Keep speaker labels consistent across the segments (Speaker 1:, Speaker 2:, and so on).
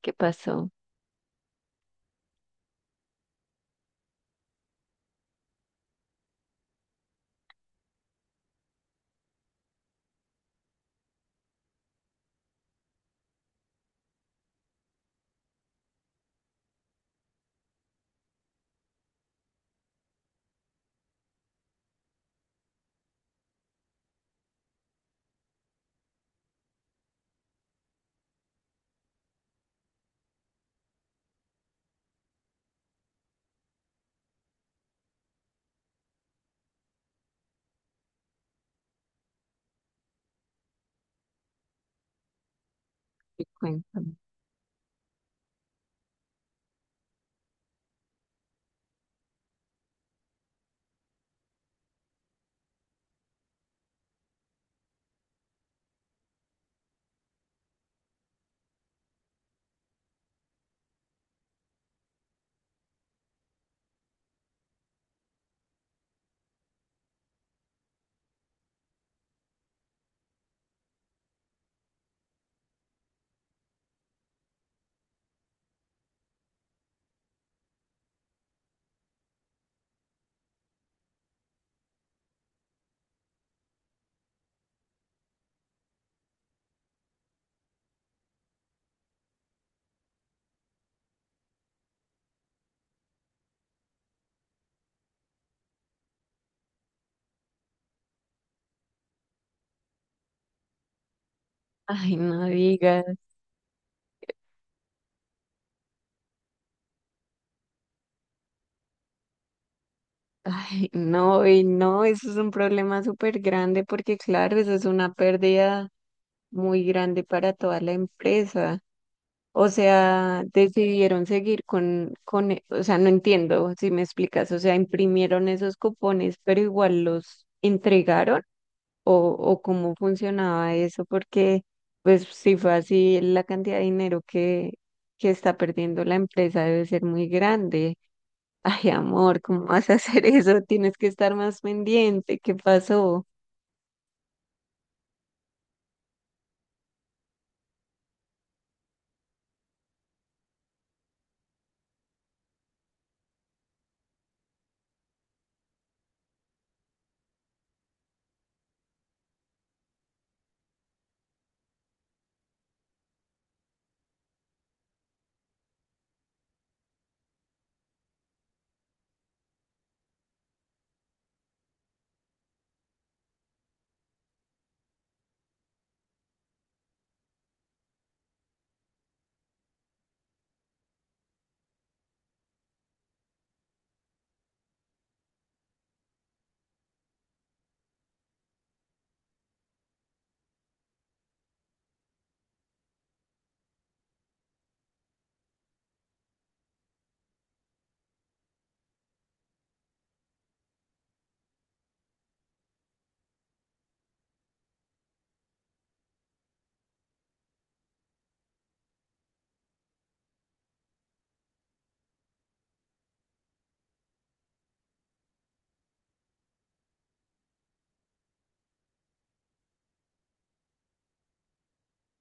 Speaker 1: ¿Qué pasó? ¿Qué cuentan? Ay, no digas. Ay, no, y no, eso es un problema súper grande porque, claro, eso es una pérdida muy grande para toda la empresa. O sea, decidieron seguir o sea, no entiendo si me explicas. O sea, imprimieron esos cupones, pero igual los entregaron o, o cómo funcionaba eso, porque, pues, si fue así, la cantidad de dinero que está perdiendo la empresa debe ser muy grande. Ay, amor, ¿cómo vas a hacer eso? Tienes que estar más pendiente. ¿Qué pasó?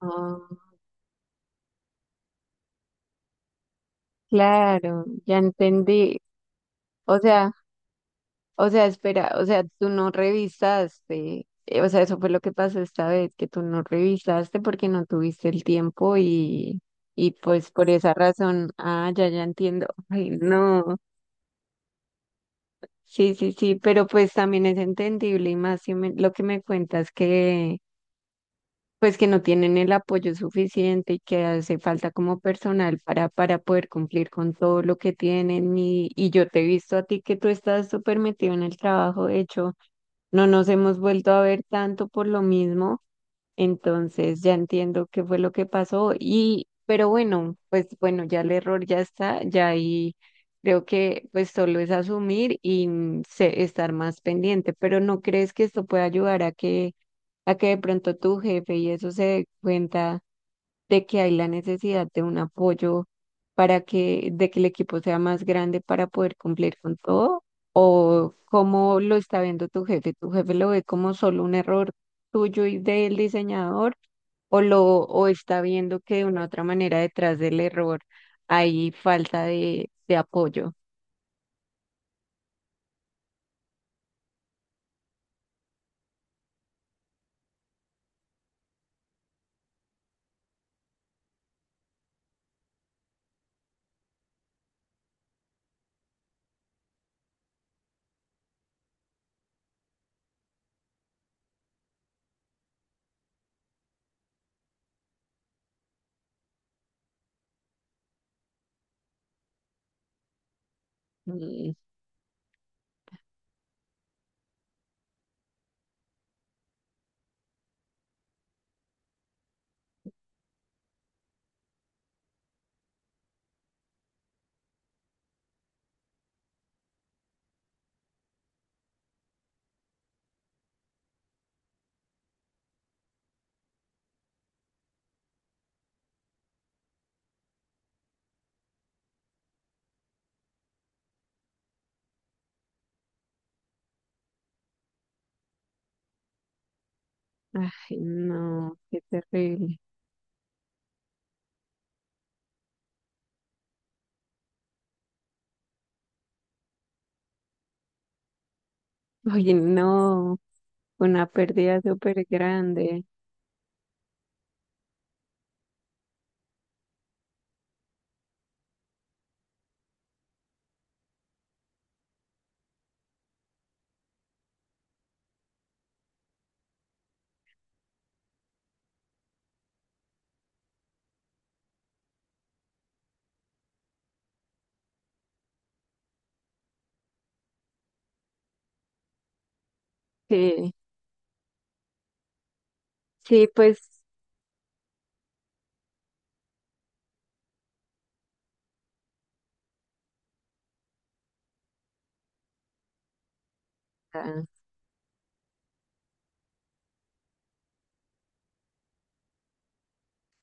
Speaker 1: Ah, claro, ya entendí. O sea, o sea, espera, o sea, tú no revisaste. O sea, eso fue lo que pasó esta vez, que tú no revisaste porque no tuviste el tiempo y pues por esa razón, ah, ya, ya entiendo. Ay, no. Sí, sí, sí, pero pues también es entendible y más si lo que me cuentas que pues que no tienen el apoyo suficiente y que hace falta como personal para poder cumplir con todo lo que tienen. Y yo te he visto a ti que tú estás súper metido en el trabajo, de hecho, no nos hemos vuelto a ver tanto por lo mismo, entonces ya entiendo qué fue lo que pasó y, pero bueno, pues bueno, ya el error ya está, ya ahí creo que pues solo es asumir y estar más pendiente, pero ¿no crees que esto puede ayudar a a que de pronto tu jefe y eso se dé cuenta de que hay la necesidad de un apoyo para de que el equipo sea más grande para poder cumplir con todo? ¿O cómo lo está viendo tu jefe? ¿Tu jefe lo ve como solo un error tuyo y del diseñador? O está viendo que de una u otra manera detrás del error hay falta de apoyo? Mm. Ay, no, qué terrible. Oye, no, una pérdida súper grande. Sí, sí, pues, ah,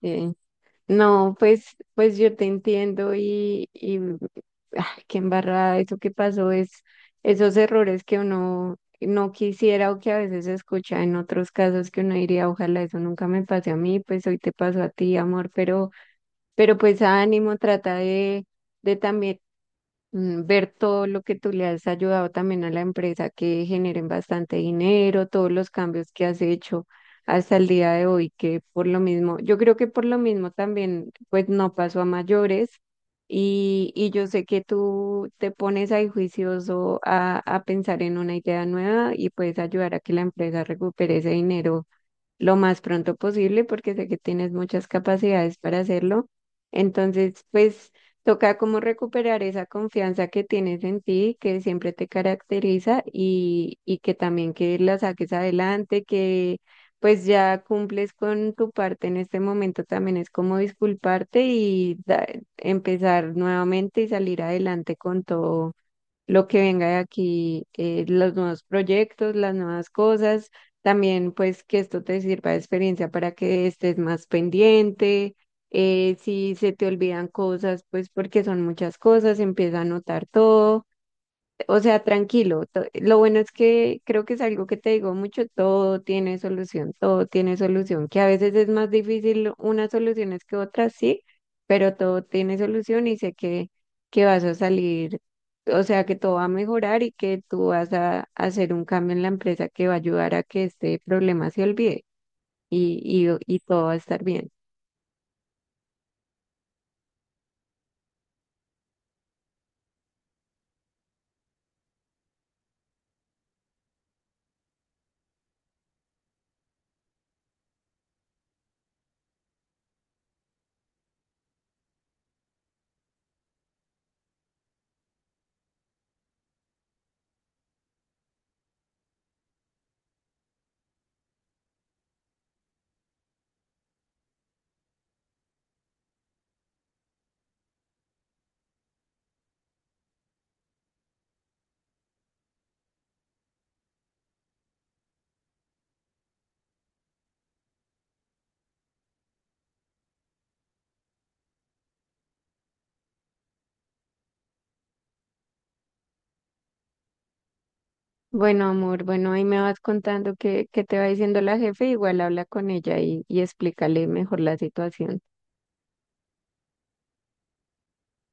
Speaker 1: sí. No, pues, pues yo te entiendo y ay, qué embarrada, eso que pasó es esos errores que uno no quisiera, o que a veces se escucha en otros casos que uno diría, ojalá eso nunca me pase a mí, pues hoy te pasó a ti, amor, pero pues ánimo, trata de también ver todo lo que tú le has ayudado también a la empresa, que generen bastante dinero, todos los cambios que has hecho hasta el día de hoy, que por lo mismo, yo creo que por lo mismo también, pues no pasó a mayores y yo sé que tú te pones ahí juicioso a pensar en una idea nueva y puedes ayudar a que la empresa recupere ese dinero lo más pronto posible porque sé que tienes muchas capacidades para hacerlo. Entonces, pues toca como recuperar esa confianza que tienes en ti, que siempre te caracteriza y que también que la saques adelante, que pues ya cumples con tu parte en este momento, también es como disculparte y empezar nuevamente y salir adelante con todo lo que venga de aquí, los nuevos proyectos, las nuevas cosas, también pues que esto te sirva de experiencia para que estés más pendiente, si se te olvidan cosas, pues porque son muchas cosas, empieza a anotar todo, o sea, tranquilo. Lo bueno es que creo que es algo que te digo mucho, todo tiene solución, que a veces es más difícil unas soluciones que otras, sí, pero todo tiene solución y sé que vas a salir, o sea, que todo va a mejorar y que tú vas a hacer un cambio en la empresa que va a ayudar a que este problema se olvide y, y todo va a estar bien. Bueno, amor, bueno, ahí me vas contando qué, qué te va diciendo la jefe, igual habla con ella y explícale mejor la situación.